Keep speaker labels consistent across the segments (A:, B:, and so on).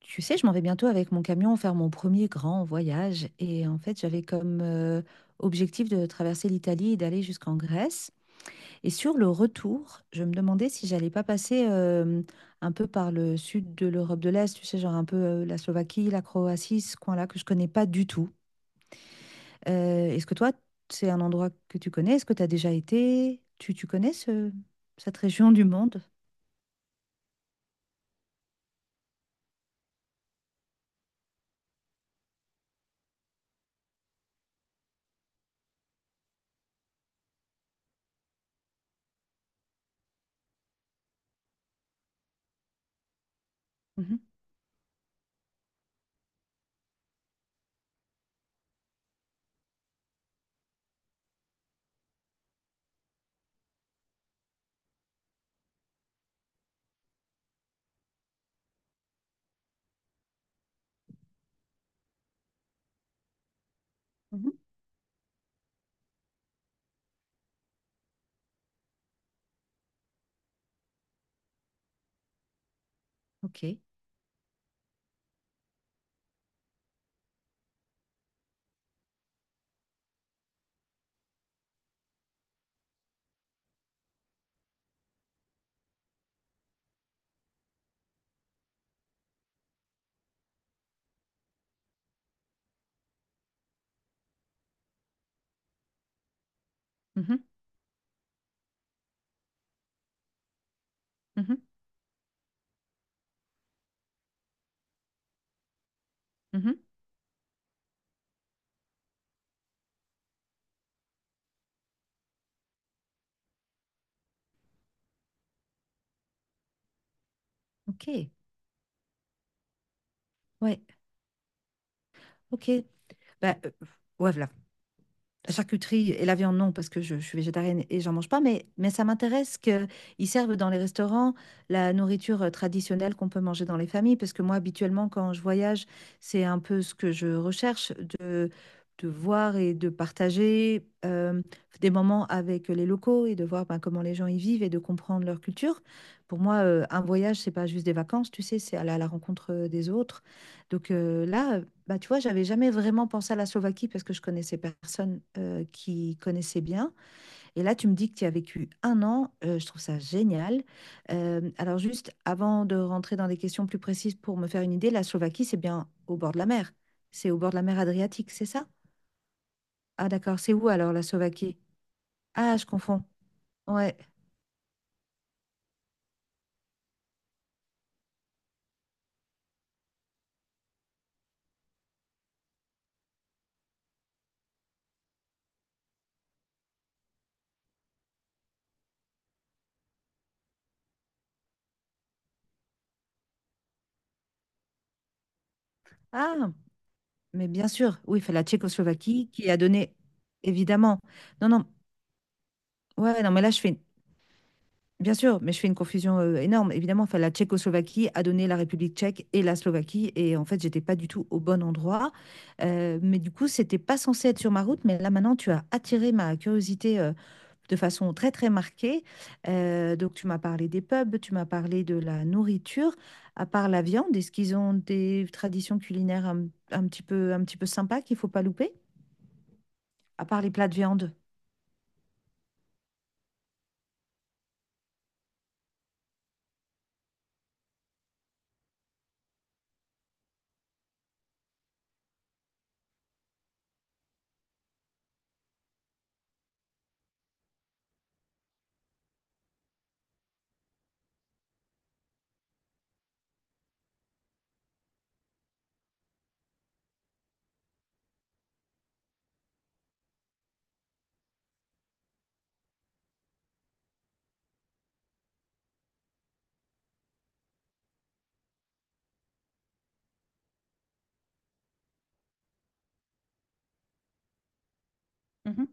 A: Tu sais, je m'en vais bientôt avec mon camion faire mon premier grand voyage. Et en fait, j'avais comme objectif de traverser l'Italie et d'aller jusqu'en Grèce. Et sur le retour, je me demandais si j'allais pas passer un peu par le sud de l'Europe de l'Est, tu sais, genre un peu la Slovaquie, la Croatie, ce coin-là que je connais pas du tout. Est-ce que toi, c'est un endroit que tu connais? Est-ce que tu as déjà été? Tu connais cette région du monde? Mhm, mhm. Ok. Mhm, mhm, mhm. Ok. Ouais. Ok, bah, ouais, voilà. La charcuterie et la viande, non, parce que je suis végétarienne et j'en mange pas, mais ça m'intéresse qu'ils servent dans les restaurants la nourriture traditionnelle qu'on peut manger dans les familles, parce que moi, habituellement, quand je voyage, c'est un peu ce que je recherche, de, de voir et de partager des moments avec les locaux et de voir ben, comment les gens y vivent et de comprendre leur culture. Pour moi, un voyage, c'est pas juste des vacances, tu sais, c'est aller à la rencontre des autres. Donc là, bah, tu vois, j'avais jamais vraiment pensé à la Slovaquie parce que je connaissais personne qui connaissait bien. Et là, tu me dis que tu y as vécu un an. Je trouve ça génial. Alors juste, avant de rentrer dans des questions plus précises pour me faire une idée, la Slovaquie, c'est bien au bord de la mer. C'est au bord de la mer Adriatique, c'est ça? Ah d'accord, c'est où alors la Slovaquie? Ah, je confonds. Ouais. Ah, mais bien sûr. Oui, fait la Tchécoslovaquie qui a donné, évidemment. Non, non. Ouais, ouais, non, mais là, je fais bien sûr, mais je fais une confusion énorme. Évidemment, enfin, la Tchécoslovaquie a donné la République tchèque et la Slovaquie. Et en fait, j'étais pas du tout au bon endroit. Mais du coup, c'était pas censé être sur ma route. Mais là, maintenant, tu as attiré ma curiosité de façon très, très marquée. Donc, tu m'as parlé des pubs, tu m'as parlé de la nourriture. À part la viande, est-ce qu'ils ont des traditions culinaires un petit peu sympas qu'il faut pas louper? À part les plats de viande. Mhm.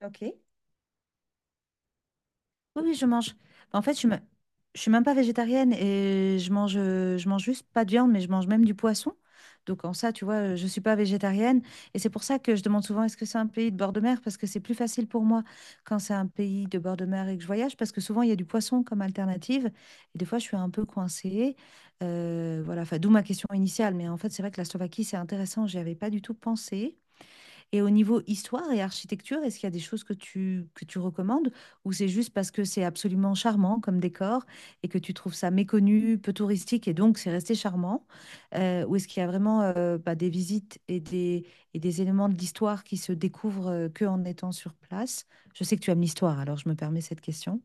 A: Ok. Oui, oui, je mange. Bah, en fait, je suis même pas végétarienne et je mange juste pas de viande, mais je mange même du poisson. Donc en ça, tu vois, je ne suis pas végétarienne. Et c'est pour ça que je demande souvent, est-ce que c'est un pays de bord de mer? Parce que c'est plus facile pour moi quand c'est un pays de bord de mer et que je voyage, parce que souvent, il y a du poisson comme alternative. Et des fois, je suis un peu coincée. Voilà, enfin, d'où ma question initiale. Mais en fait, c'est vrai que la Slovaquie, c'est intéressant. J'y avais pas du tout pensé. Et au niveau histoire et architecture, est-ce qu'il y a des choses que tu recommandes ou c'est juste parce que c'est absolument charmant comme décor et que tu trouves ça méconnu, peu touristique et donc c'est resté charmant? Ou est-ce qu'il y a vraiment bah, des visites et des éléments de l'histoire qui se découvrent que en étant sur place? Je sais que tu aimes l'histoire, alors je me permets cette question.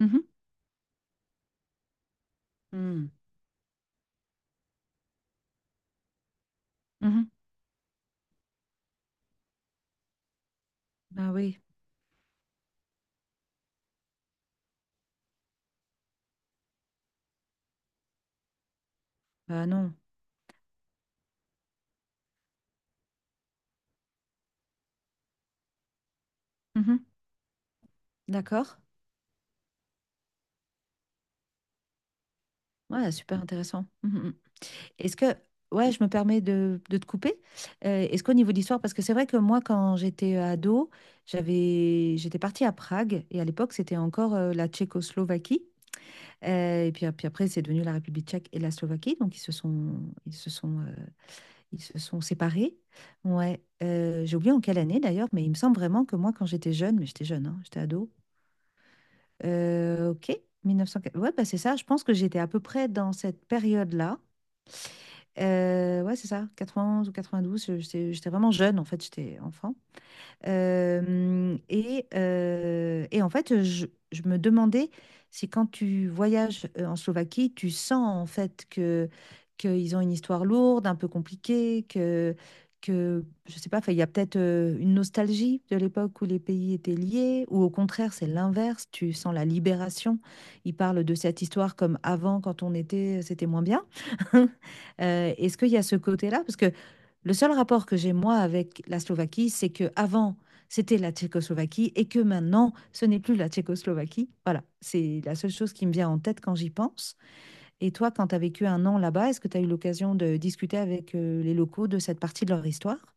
A: Mmh mh. Mmh. Mmh mh. Ah oui, bah non. Mmh mh. D'accord. Ouais, super intéressant. Mmh mh. Est-ce que, ouais, je me permets de te couper. Est-ce qu'au niveau d'histoire, parce que c'est vrai que moi, quand j'étais ado, j'étais partie à Prague et à l'époque, c'était encore la Tchécoslovaquie. Et puis après, c'est devenu la République tchèque et la Slovaquie. Donc, ils se sont, euh, ils se sont séparés. Ouais. J'ai oublié en quelle année d'ailleurs, mais il me semble vraiment que moi, quand j'étais jeune, mais j'étais jeune, hein, j'étais ado. Ok, 1904. Ouais, bah, c'est ça. Je pense que j'étais à peu près dans cette période-là. Ouais, c'est ça, 91 ou 92. J'étais vraiment jeune, en fait, j'étais enfant. Et en fait, je me demandais si quand tu voyages en Slovaquie, tu sens en fait que qu'ils ont une histoire lourde, un peu compliquée, que je sais pas, 'fin, il y a peut-être une nostalgie de l'époque où les pays étaient liés, ou au contraire, c'est l'inverse, tu sens la libération. Ils parlent de cette histoire comme avant, quand on était, c'était moins bien. Est-ce qu'il y a ce côté-là? Parce que le seul rapport que j'ai moi avec la Slovaquie, c'est que avant c'était la Tchécoslovaquie et que maintenant ce n'est plus la Tchécoslovaquie. Voilà, c'est la seule chose qui me vient en tête quand j'y pense. Et toi, quand tu as vécu un an là-bas, est-ce que tu as eu l'occasion de discuter avec les locaux de cette partie de leur histoire?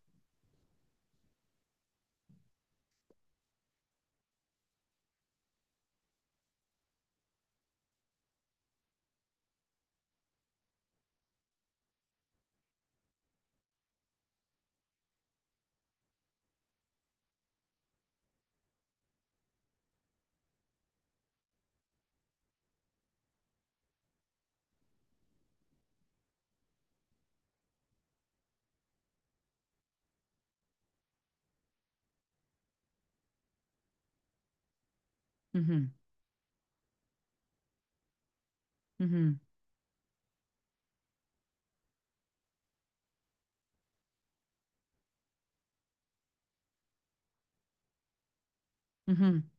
A: Mhm, mhm, mhm,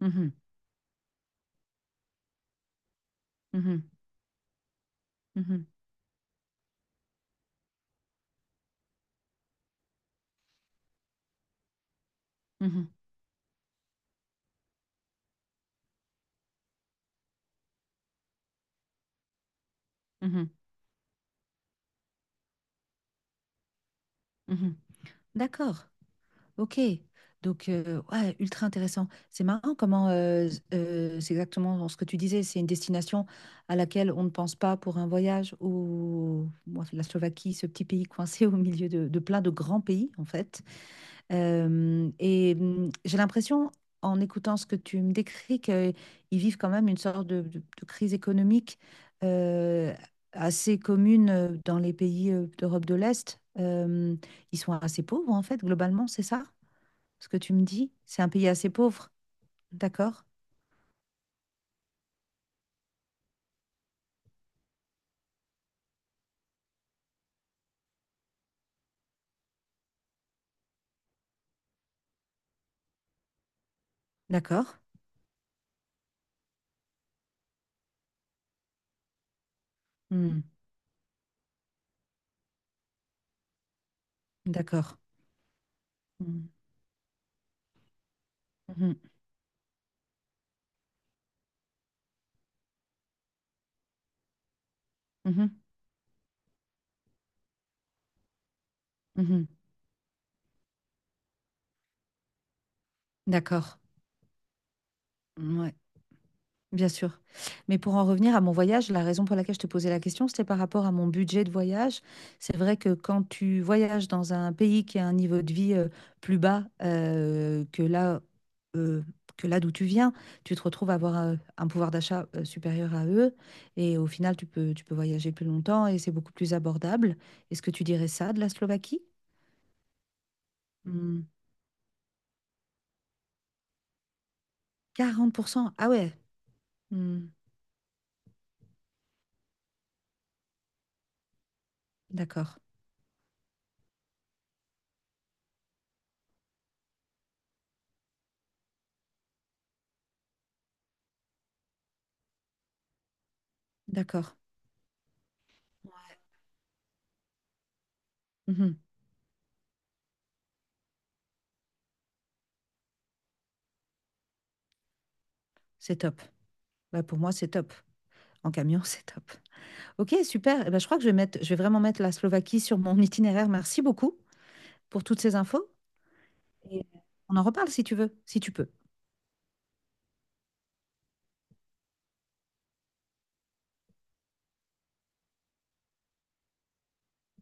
A: mhm, mhm, mhm, mhm, mhm, mhm. D'accord. Ok, donc ouais, ultra intéressant. C'est marrant comment c'est exactement ce que tu disais, c'est une destination à laquelle on ne pense pas pour un voyage ou moi, la Slovaquie, ce petit pays coincé au milieu de plein de grands pays en fait. J'ai l'impression, en écoutant ce que tu me décris, qu'ils vivent quand même une sorte de crise économique euh, assez commune dans les pays d'Europe de l'Est. Ils sont assez pauvres en fait, globalement, c'est ça? Ce que tu me dis. C'est un pays assez pauvre. D'accord? D'accord? Hmm, d'accord. Hmm, mhm, mhm, mhm. D'accord. Ouais. Bien sûr. Mais pour en revenir à mon voyage, la raison pour laquelle je te posais la question, c'était par rapport à mon budget de voyage. C'est vrai que quand tu voyages dans un pays qui a un niveau de vie plus bas euh, que là d'où tu viens, tu te retrouves à avoir un pouvoir d'achat supérieur à eux. Et au final, tu peux voyager plus longtemps et c'est beaucoup plus abordable. Est-ce que tu dirais ça de la Slovaquie? Hmm. 40%. Ah ouais. Hmm. D'accord. D'accord. Mhm. C'est top. Bah, pour moi, c'est top. En camion, c'est top. Ok, super. Eh ben, je crois que je vais vraiment mettre la Slovaquie sur mon itinéraire. Merci beaucoup pour toutes ces infos. Et on en reparle si tu veux, si tu peux.